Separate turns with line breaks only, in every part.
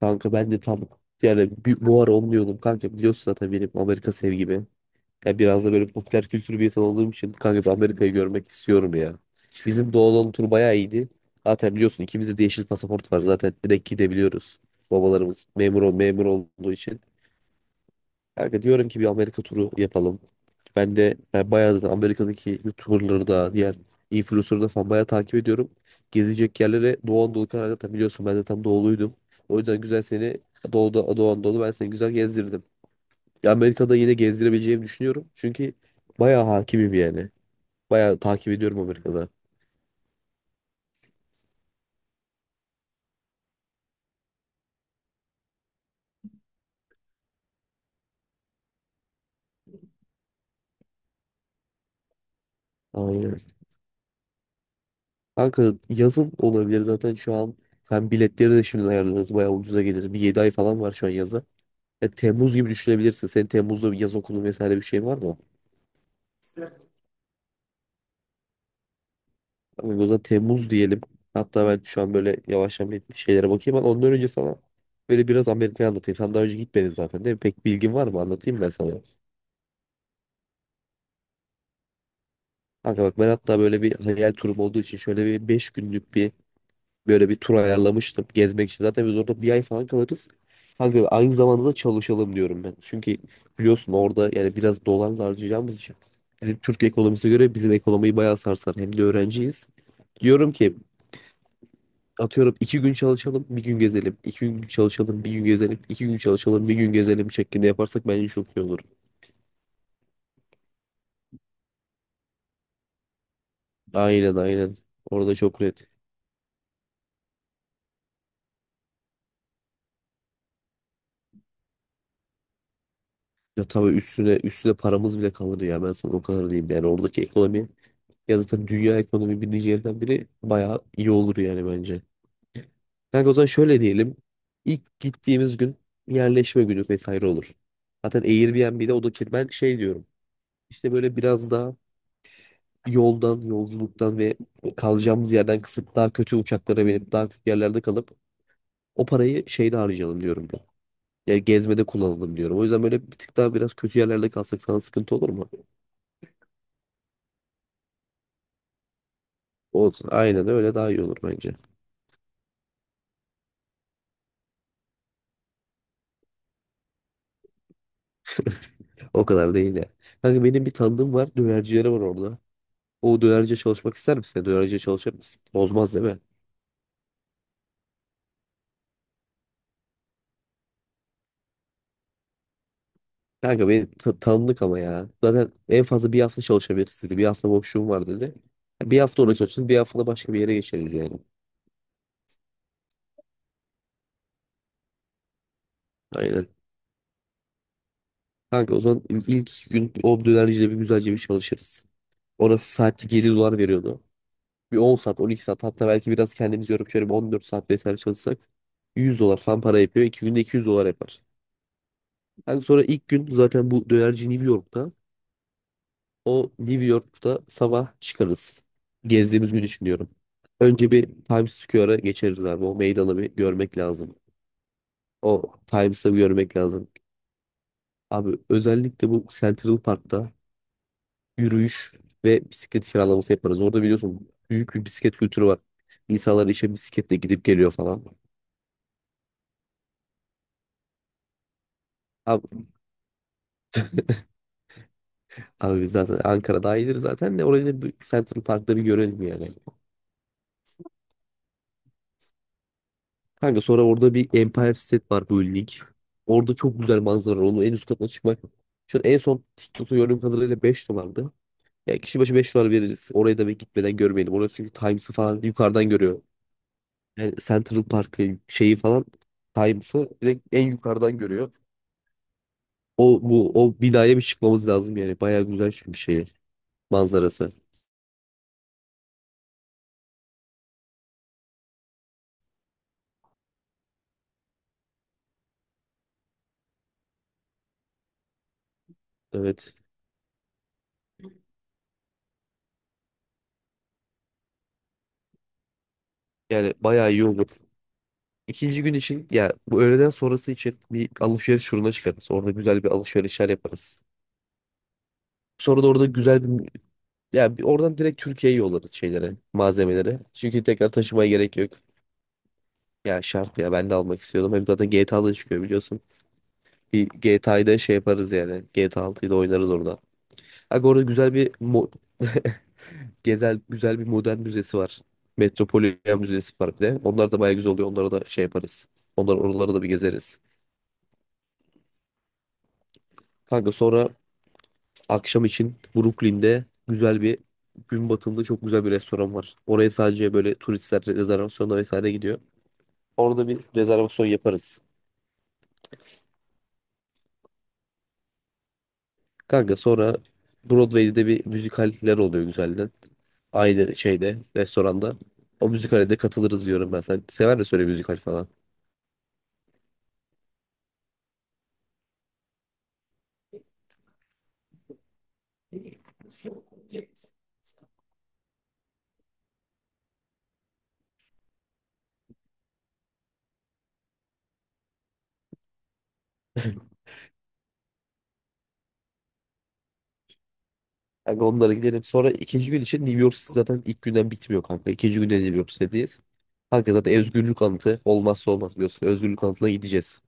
Kanka ben de tam, yani bu ara onu diyordum kanka, biliyorsun zaten benim Amerika sevgimi. Ya biraz da böyle popüler kültür bir insan olduğum için kanka, ben Amerika'yı görmek istiyorum ya. Bizim Doğu tur bayağı iyiydi. Zaten biliyorsun ikimizde de yeşil pasaport var, zaten direkt gidebiliyoruz. Babalarımız memur, memur olduğu için. Kanka diyorum ki bir Amerika turu yapalım. Ben de bayağı da Amerika'daki YouTuber'ları da diğer influencer'ları da falan bayağı takip ediyorum. Gezecek yerlere Doğu Anadolu kadar zaten biliyorsun, ben zaten doğuluydum. O yüzden güzel seni Doğu'da, Doğu Anadolu, ben seni güzel gezdirdim. Ya Amerika'da yine gezdirebileceğimi düşünüyorum. Çünkü bayağı hakimim yani. Bayağı takip ediyorum Amerika'da. Aynen. Kanka, yazın olabilir zaten şu an. Sen biletleri de şimdi ayarlarız. Bayağı ucuza gelir. Bir 7 ay falan var şu an yaza. Ya Temmuz gibi düşünebilirsin. Senin Temmuz'da bir yaz okulu vesaire bir şey var mı? Abi, o zaman Temmuz diyelim. Hatta ben şu an böyle yavaş yavaş şeylere bakayım, ama ondan önce sana böyle biraz Amerika'yı anlatayım. Sen daha önce gitmedin zaten, değil mi? Pek bilgin var mı? Anlatayım ben sana. Kanka bak, ben hatta böyle bir hayal turum olduğu için şöyle bir 5 günlük bir böyle bir tur ayarlamıştım gezmek için. Zaten biz orada bir ay falan kalırız. Kanka aynı zamanda da çalışalım diyorum ben. Çünkü biliyorsun orada, yani biraz dolarla harcayacağımız için bizim Türk ekonomisine göre bizim ekonomiyi bayağı sarsar. Hem de öğrenciyiz. Diyorum ki, atıyorum 2 gün çalışalım bir gün gezelim. 2 gün çalışalım bir gün gezelim. İki gün çalışalım bir gün gezelim şeklinde yaparsak bence çok iyi olur. Aynen aynen. Orada çok net. Ya tabii, üstüne üstüne paramız bile kalır ya, ben sana o kadar diyeyim yani oradaki ekonomi, ya zaten dünya ekonomi birinci yerden biri, bayağı iyi olur yani bence. Kanka o zaman şöyle diyelim. İlk gittiğimiz gün yerleşme günü vesaire olur. Zaten Airbnb'de o da ki ben şey diyorum. İşte böyle biraz daha yoldan, yolculuktan ve kalacağımız yerden kısıp daha kötü uçaklara binip daha kötü yerlerde kalıp o parayı şeyde harcayalım diyorum ben. Yani gezmede kullanalım diyorum. O yüzden böyle bir tık daha biraz kötü yerlerde kalsak sana sıkıntı olur mu? Olsun. Aynen öyle, daha iyi olur bence. O kadar değil de. Kanka benim bir tanıdığım var. Dönercileri var orada. O dönerciye çalışmak ister misin? Dönerciye çalışır mısın? Bozmaz değil mi? Kanka beni tanıdık ama ya. Zaten en fazla bir hafta çalışabiliriz dedi. Bir hafta boşluğum var dedi. Bir hafta orada çalışırız. Bir hafta da başka bir yere geçeriz yani. Aynen. Kanka o zaman ilk gün o dönercide bir güzelce bir çalışırız. Orası saati 7 dolar veriyordu. Bir 10 saat 12 saat, hatta belki biraz kendimizi yorup şöyle bir 14 saat vesaire çalışsak 100 dolar falan para yapıyor. 2 günde 200 dolar yapar. Kanka sonra ilk gün zaten bu dönerci New York'ta. O New York'ta sabah çıkarız. Gezdiğimiz gün için diyorum. Önce bir Times Square'a geçeriz abi. O meydanı bir görmek lazım. O Times'ı bir görmek lazım. Abi özellikle bu Central Park'ta yürüyüş ve bisiklet kiralaması yaparız. Orada biliyorsun büyük bir bisiklet kültürü var. İnsanlar işe bisikletle gidip geliyor falan. Abi, abi biz zaten Ankara dahildir, zaten de orayı da bir Central Park'ta bir görelim yani. Kanka sonra orada bir Empire State var bölümlük. Orada çok güzel manzara var. Onun en üst katına çıkmak. Şu an en son TikTok'ta gördüğüm kadarıyla 5 dolardı. Yani kişi başı 5 dolar veririz. Orayı da bir gitmeden görmeyelim. Orada çünkü Times'ı falan yukarıdan görüyor. Yani Central Park'ı, şeyi falan, Times'ı direkt en yukarıdan görüyor. O bu o binaya bir çıkmamız lazım yani. Baya güzel çünkü şeyi manzarası. Evet. Yani baya iyi olur. İkinci gün için, ya bu öğleden sonrası için bir alışveriş turuna çıkarız. Orada güzel bir alışverişler yaparız. Sonra da orada güzel bir, ya bir oradan direkt Türkiye'ye yollarız şeylere, malzemeleri. Çünkü tekrar taşımaya gerek yok. Ya şart ya, ben de almak istiyordum. Hem zaten GTA'da çıkıyor biliyorsun. Bir GTA'da şey yaparız yani. GTA 6'yı da oynarız orada. Aga orada güzel bir güzel bir modern müzesi var. Metropolitan Müzesi var bir de. Onlar da bayağı güzel oluyor. Onlara da şey yaparız. Onlar oraları da bir gezeriz. Kanka sonra akşam için Brooklyn'de güzel bir gün batımında çok güzel bir restoran var. Oraya sadece böyle turistler rezervasyonla vesaire gidiyor. Orada bir rezervasyon yaparız. Kanka sonra Broadway'de de bir müzikaller oluyor güzelden. Aynı şeyde restoranda. O müzikale de katılırız diyorum ben. Sen sever misin öyle müzikal falan? Kanka onlara gidelim. Sonra ikinci gün için New York City zaten ilk günden bitmiyor kanka. İkinci günde New York City'deyiz. Kanka zaten özgürlük anıtı olmazsa olmaz biliyorsun. Özgürlük anıtına gideceğiz.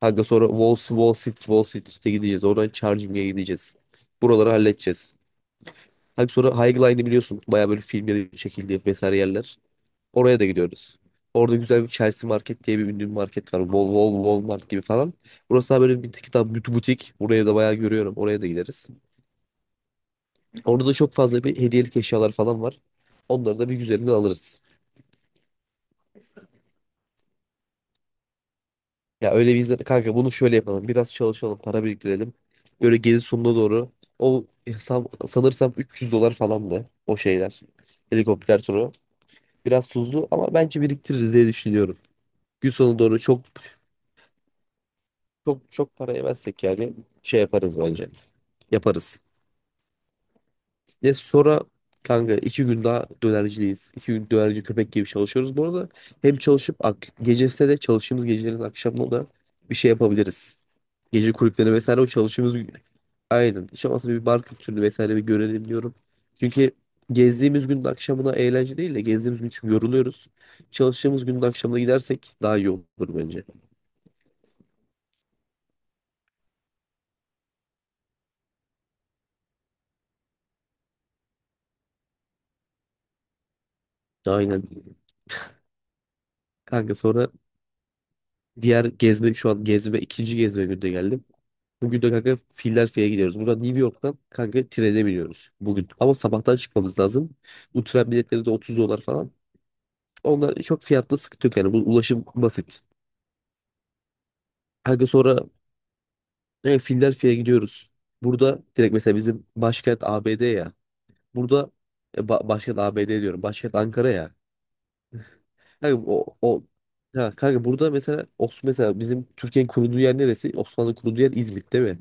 Kanka sonra Wall Street'e gideceğiz. Oradan Charging'e gideceğiz. Buraları halledeceğiz. Kanka sonra High Line'i biliyorsun. Baya böyle filmlerin çekildiği vesaire yerler. Oraya da gidiyoruz. Orada güzel bir Chelsea Market diye bir ünlü bir market var. Walmart gibi falan. Burası daha böyle bir tık daha butik. Buraya da bayağı görüyorum. Oraya da gideriz. Orada da çok fazla bir hediyelik eşyalar falan var. Onları da bir güzelinden alırız. Ya öyle bir izle kanka, bunu şöyle yapalım. Biraz çalışalım, para biriktirelim. Böyle gezi sonuna doğru o sanırsam 300 dolar falandı o şeyler. Helikopter turu. Biraz tuzlu ama bence biriktiririz diye düşünüyorum. Gün sonuna doğru çok çok çok para yemezsek yani şey yaparız bence. Yaparız. Ya sonra kanka 2 gün daha dönercideyiz. 2 gün dönerci köpek gibi çalışıyoruz. Bu arada hem çalışıp ak gecesine de çalıştığımız gecelerin akşamına da bir şey yapabiliriz. Gece kulüpleri vesaire o çalıştığımız gün. Aynen. Hiç olmazsa bir bar kültürünü vesaire bir görelim diyorum. Çünkü gezdiğimiz günün akşamına eğlence değil de gezdiğimiz gün çünkü yoruluyoruz. Çalıştığımız günün akşamına gidersek daha iyi olur bence. Aynen. Kanka sonra diğer gezme, şu an gezme ikinci gezme günde geldim. Bugün de kanka Philadelphia'ya gidiyoruz. Buradan New York'tan kanka trene biniyoruz bugün. Ama sabahtan çıkmamız lazım. Bu tren biletleri de 30 dolar falan. Onlar çok fiyatla sıkıntı yok yani. Bu ulaşım basit. Kanka sonra Philadelphia'ya gidiyoruz. Burada direkt mesela bizim başkent ABD ya. Burada başkent ABD diyorum. Başkent Ankara ya. Kanka, o, o ha, kanka burada mesela mesela bizim Türkiye'nin kurulduğu yer neresi? Osmanlı kurulduğu yer İzmit değil mi?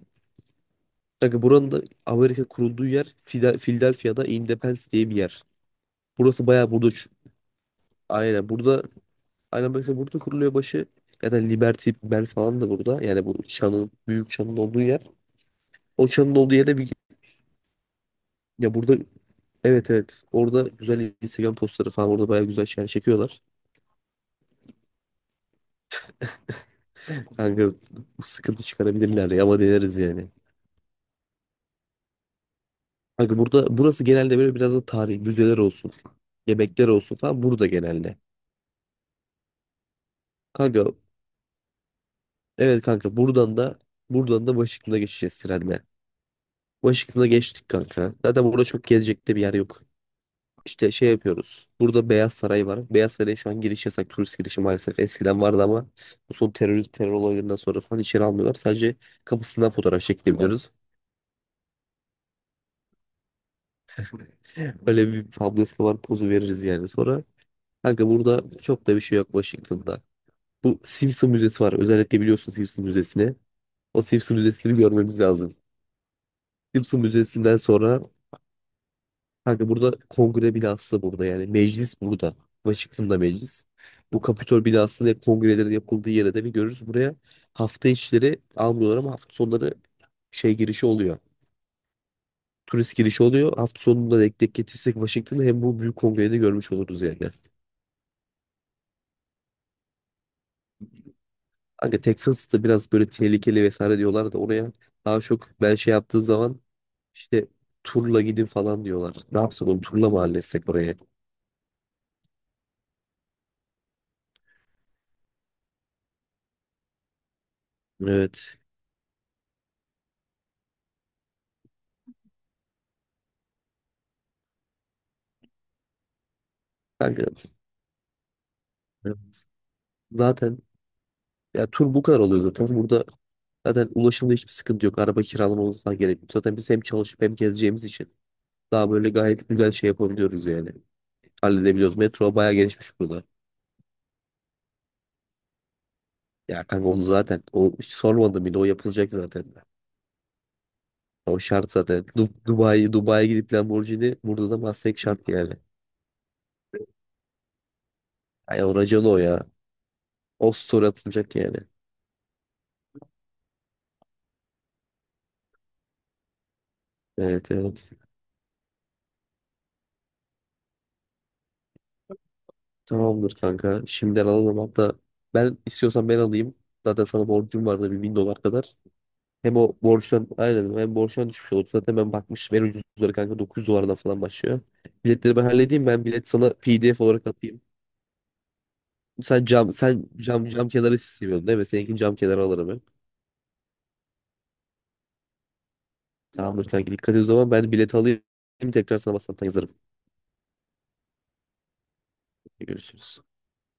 Kanka buranın da Amerika kurulduğu yer Philadelphia'da Independence diye bir yer. Burası bayağı burada aynen burada aynen böyle burada kuruluyor başı. Ya Liberty Bell falan da burada. Yani bu çanın, büyük çanın olduğu yer. O çanın olduğu yere bir, ya burada, evet evet, orada güzel Instagram postları falan, orada bayağı güzel şeyler çekiyorlar. Kanka sıkıntı çıkarabilirler ya, ama deneriz yani. Kanka burada burası genelde böyle biraz da tarihi müzeler olsun. Yemekler olsun falan burada genelde. Kanka evet kanka buradan da Washington'a geçeceğiz trenle. Washington'a geçtik kanka. Zaten burada çok gezecek de bir yer yok. İşte şey yapıyoruz. Burada Beyaz Saray var. Beyaz Saray'a şu an giriş yasak. Turist girişi maalesef. Eskiden vardı ama bu son terör olaylarından sonra falan içeri almıyorlar. Sadece kapısından fotoğraf çekebiliyoruz. Böyle bir Pablo Escobar pozu veririz yani. Sonra kanka burada çok da bir şey yok Washington'da. Bu Simpson Müzesi var. Özellikle biliyorsun Simpson Müzesi'ni. O Simpson Müzesi'ni görmemiz lazım. Simpson Müzesi'nden sonra kanka burada kongre binası da burada yani. Meclis burada. Washington'da meclis. Bu Kapitol binasında hep kongrelerin yapıldığı yere de bir görürüz. Buraya hafta içleri almıyorlar ama hafta sonları şey girişi oluyor. Turist girişi oluyor. Hafta sonunda denk denk getirsek Washington'ı, hem bu büyük kongreyi de görmüş oluruz yani. Kanka Texas'ta biraz böyle tehlikeli vesaire diyorlar da oraya daha çok ben şey yaptığı zaman işte turla gidin falan diyorlar. Ne yapsak oğlum turla mı halletsek oraya? Evet. Kanka zaten Ya tur bu kadar oluyor zaten. Burada zaten ulaşımda hiçbir sıkıntı yok. Araba kiralamamız falan gerek yok. Zaten biz hem çalışıp hem gezeceğimiz için daha böyle gayet güzel şey yapabiliyoruz yani. Halledebiliyoruz. Metro bayağı gelişmiş burada. Ya kanka onu zaten o hiç sormadım bile, o yapılacak zaten. O şart zaten. Dubai'ye gidip Lamborghini, burada da Mustang şart yani. Ay o racon o ya. O story atılacak yani. Evet evet. Tamamdır kanka. Şimdiden alalım hatta, ben, istiyorsan ben alayım. Zaten sana borcum vardı bir 1.000 dolar kadar. Hem o borçtan aynen, hem borçtan düşmüş oldu. Zaten ben bakmıştım en ucuzları kanka 900 dolardan falan başlıyor. Biletleri ben halledeyim, ben bilet sana PDF olarak atayım. Sen cam kenarı seviyorsun değil mi? Seninkini cam kenarı alırım ben. Tamamdır kanka, dikkat et. O zaman ben bilet alayım, tekrar sana WhatsApp'tan yazarım. Görüşürüz.